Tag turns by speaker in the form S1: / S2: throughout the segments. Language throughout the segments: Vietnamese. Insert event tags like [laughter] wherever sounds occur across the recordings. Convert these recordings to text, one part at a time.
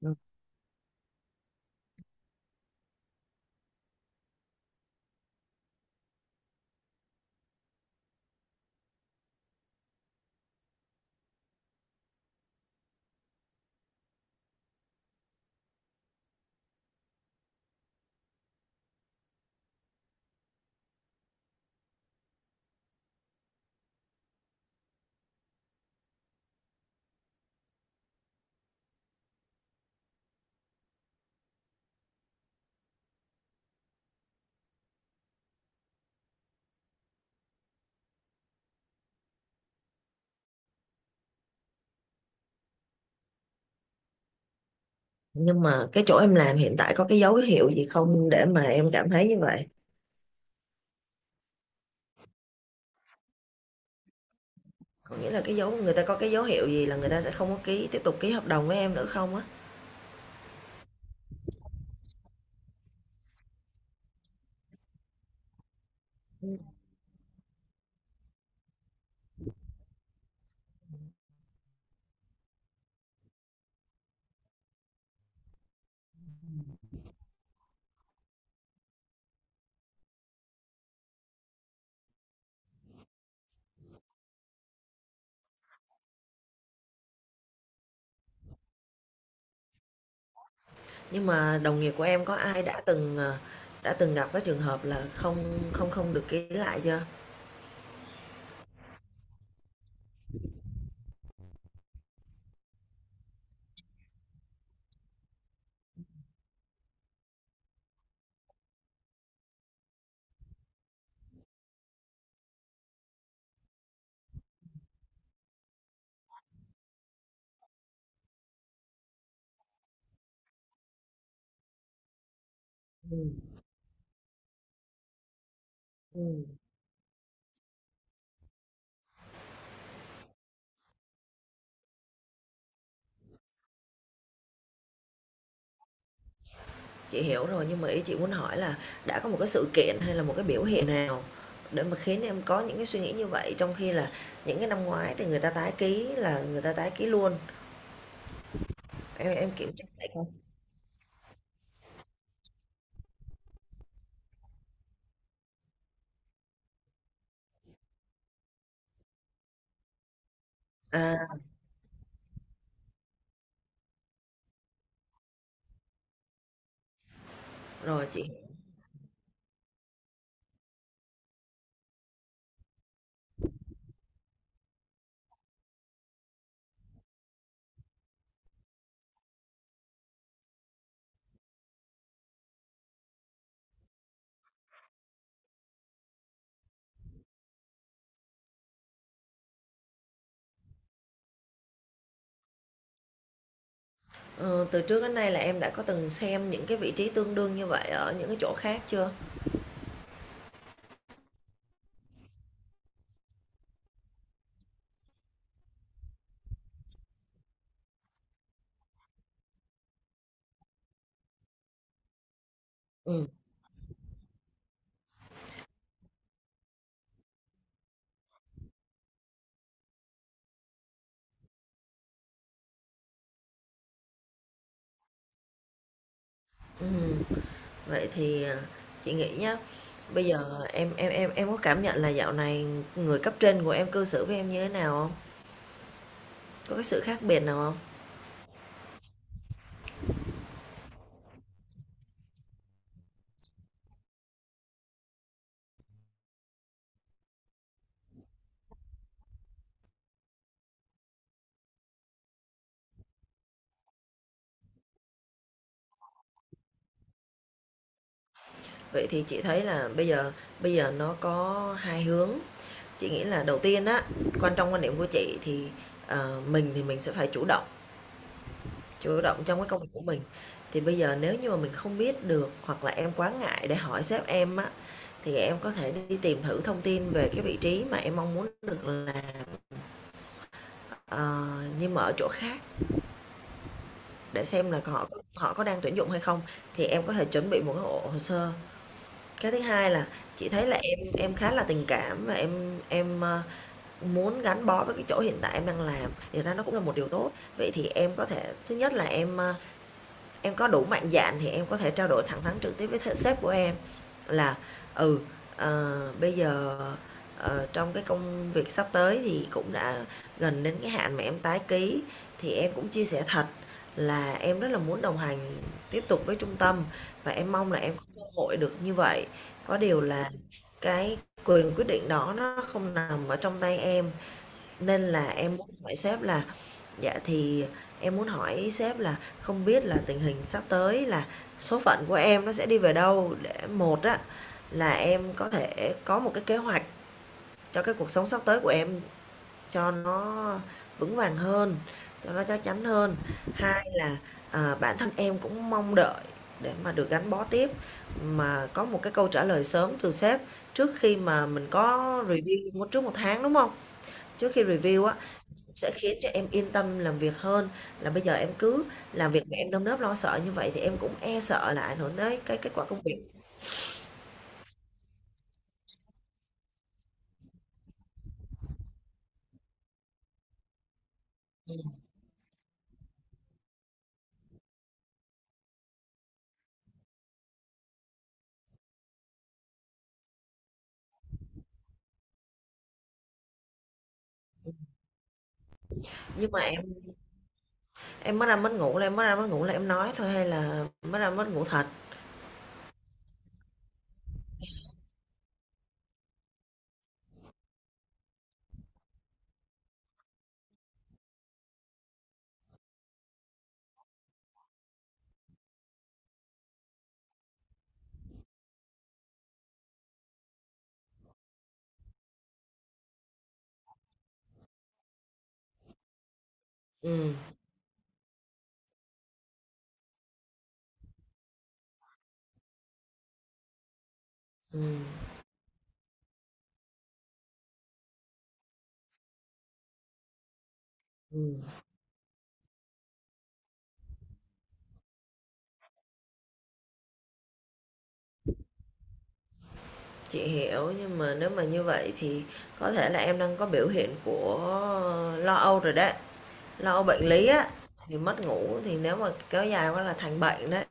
S1: Ừ. Nhưng mà cái chỗ em làm hiện tại có cái dấu hiệu gì không để mà em cảm thấy như vậy? Có nghĩa là cái dấu hiệu gì là người ta sẽ không có ký tiếp tục ký hợp đồng với em nữa không á? Nhưng mà đồng nghiệp của em có ai đã từng đã từng gặp cái trường hợp là không không không được ký lại chưa? Ừ. Ừ. Chị hiểu rồi, nhưng mà ý chị muốn hỏi là đã có một cái sự kiện hay là một cái biểu hiện nào để mà khiến em có những cái suy nghĩ như vậy, trong khi là những cái năm ngoái thì người ta tái ký là người ta tái ký luôn, em kiểm tra lại không? À, rồi chị. Ờ, từ trước đến nay là em đã có từng xem những cái vị trí tương đương như vậy ở những cái chỗ khác chưa? Ừm, ừm, vậy thì, chị nghĩ nhá, bây giờ em có cảm nhận là dạo này người cấp trên của em cư xử với em như thế nào không? Có cái sự khác biệt nào không? Vậy thì chị thấy là bây giờ nó có hai hướng. Chị nghĩ là đầu tiên á, quan điểm của chị thì, mình thì mình sẽ phải chủ động. Chủ động trong cái công việc của mình. Thì bây giờ nếu như mà mình không biết được, hoặc là em quá ngại để hỏi sếp em á, thì em có thể đi tìm thử thông tin về cái vị trí mà em mong muốn được, là ờ, nhưng mà ở chỗ khác, để xem là họ họ có đang tuyển dụng hay không, thì em có thể chuẩn bị một cái bộ hồ sơ. Cái thứ hai là chị thấy là em khá là tình cảm và em muốn gắn bó với cái chỗ hiện tại em đang làm, thì ra nó cũng là một điều tốt. Vậy thì em có thể thứ nhất là em, a em có đủ mạnh dạn thì em có thể trao đổi thẳng thắn trực tiếp với sếp của em là ừ bây giờ, trong cái công việc sắp tới thì cũng đã gần đến cái hạn mà em tái ký, thì em cũng chia sẻ thật là em rất là muốn đồng hành tiếp tục với trung tâm, và em mong là em có cơ hội được như vậy. Có điều là cái quyền quyết định đó nó không nằm ở trong tay em, nên là em muốn hỏi sếp là, dạ, thì em muốn hỏi sếp là không biết là tình hình sắp tới, là số phận của em nó sẽ đi về đâu, để một á, là em có thể có một cái kế hoạch cho cái cuộc sống sắp tới của em, cho nó vững vàng hơn, cho nó chắc chắn hơn. Hai là, bản thân em cũng mong đợi để mà được gắn bó tiếp, mà có một cái câu trả lời sớm từ sếp trước khi mà mình có review trước một tháng, đúng không? Trước khi review á, sẽ khiến cho em yên tâm làm việc hơn, là bây giờ em cứ làm việc mà em nơm nớp lo sợ như vậy thì em cũng e sợ là ảnh hưởng tới cái kết quả công việc. Nhưng mà em mất ăn mất ngủ là em mất ăn mất ngủ là em nói thôi, hay là mất ăn mất ngủ thật. Ừm, ừm, ừm, chị hiểu, nhưng mà nếu mà như vậy thì có thể là em đang có biểu hiện của lo âu rồi đấy, lo âu bệnh lý á, thì mất ngủ thì nếu mà kéo dài quá là thành bệnh đấy.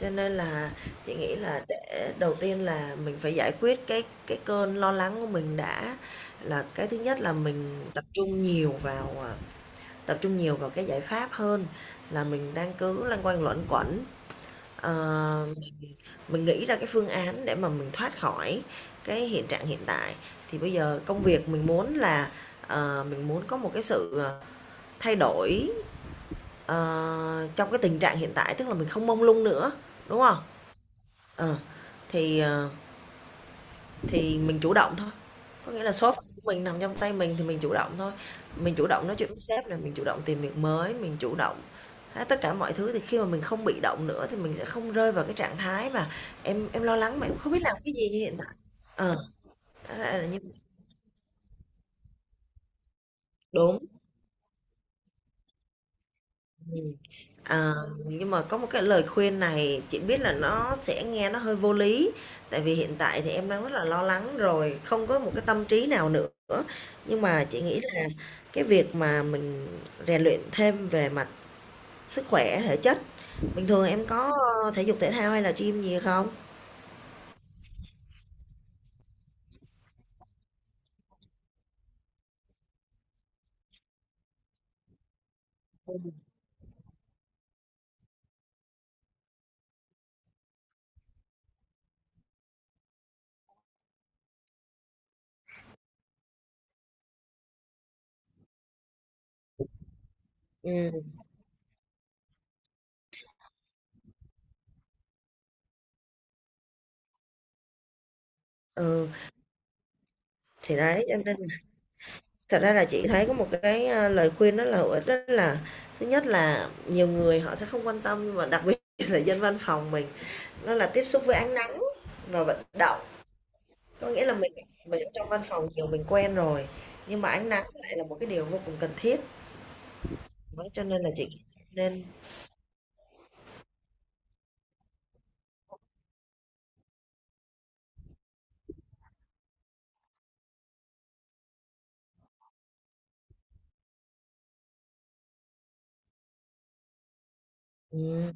S1: Cho nên là chị nghĩ là để đầu tiên là mình phải giải quyết cái cơn lo lắng của mình đã, là cái thứ nhất là mình tập trung nhiều vào, tập trung nhiều vào cái giải pháp hơn là mình đang cứ loanh quanh luẩn quẩn. Ờ, mình nghĩ ra cái phương án để mà mình thoát khỏi cái hiện trạng hiện tại. Thì bây giờ công việc mình muốn là, mình muốn có một cái sự, thay đổi, trong cái tình trạng hiện tại, tức là mình không mông lung nữa, đúng không? Ờ, thì, ờ Thì mình chủ động thôi, có nghĩa là số phận của mình nằm trong tay mình thì mình chủ động thôi. Mình chủ động nói chuyện với sếp nè, mình chủ động tìm việc mới, mình chủ động hết tất cả mọi thứ, thì khi mà mình không bị động nữa thì mình sẽ không rơi vào cái trạng thái mà em lo lắng mà em không biết làm cái gì như hiện tại. Ờ, đó là đúng. Ừm. Ờ, nhưng mà có một cái lời khuyên này, chị biết là nó sẽ nghe nó hơi vô lý, tại vì hiện tại thì em đang rất là lo lắng rồi, không có một cái tâm trí nào nữa. Nhưng mà chị nghĩ là cái việc mà mình rèn luyện thêm về mặt sức khỏe, thể chất, bình thường em có, thể dục thể thao hay là gym gì không? Ừm, ừ, thì đấy, cho nên thật ra là chị thấy có một cái, lời khuyên rất là hữu ích, đó là thứ nhất là nhiều người họ sẽ không quan tâm, nhưng mà đặc biệt [laughs] là dân văn phòng mình, nó là tiếp xúc với ánh nắng và vận động. Có nghĩa là mình ở trong văn phòng nhiều mình quen rồi, nhưng mà ánh nắng lại là một cái điều vô cùng cần thiết. Đó, cho nên là chị nên ừm,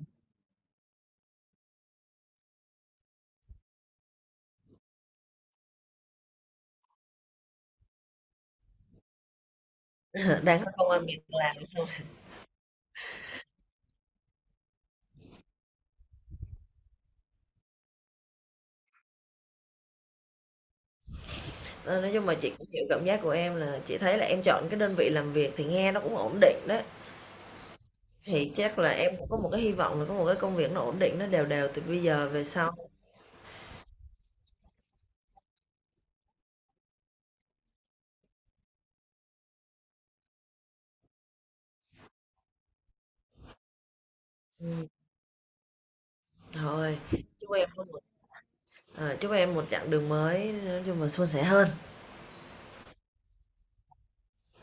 S1: [laughs] đang có công ăn việc làm xong. Ờ, nói chung mà chị cũng hiểu cảm giác của em, là chị thấy là em chọn cái đơn vị làm việc thì nghe nó cũng ổn định đấy. Thì chắc là em cũng có một cái hy vọng là có một cái công việc nó ổn định, nó đều đều từ bây giờ về sau. Ừm, thôi, chúc em có một chúc em một chặng đường mới nói chung là suôn sẻ hơn.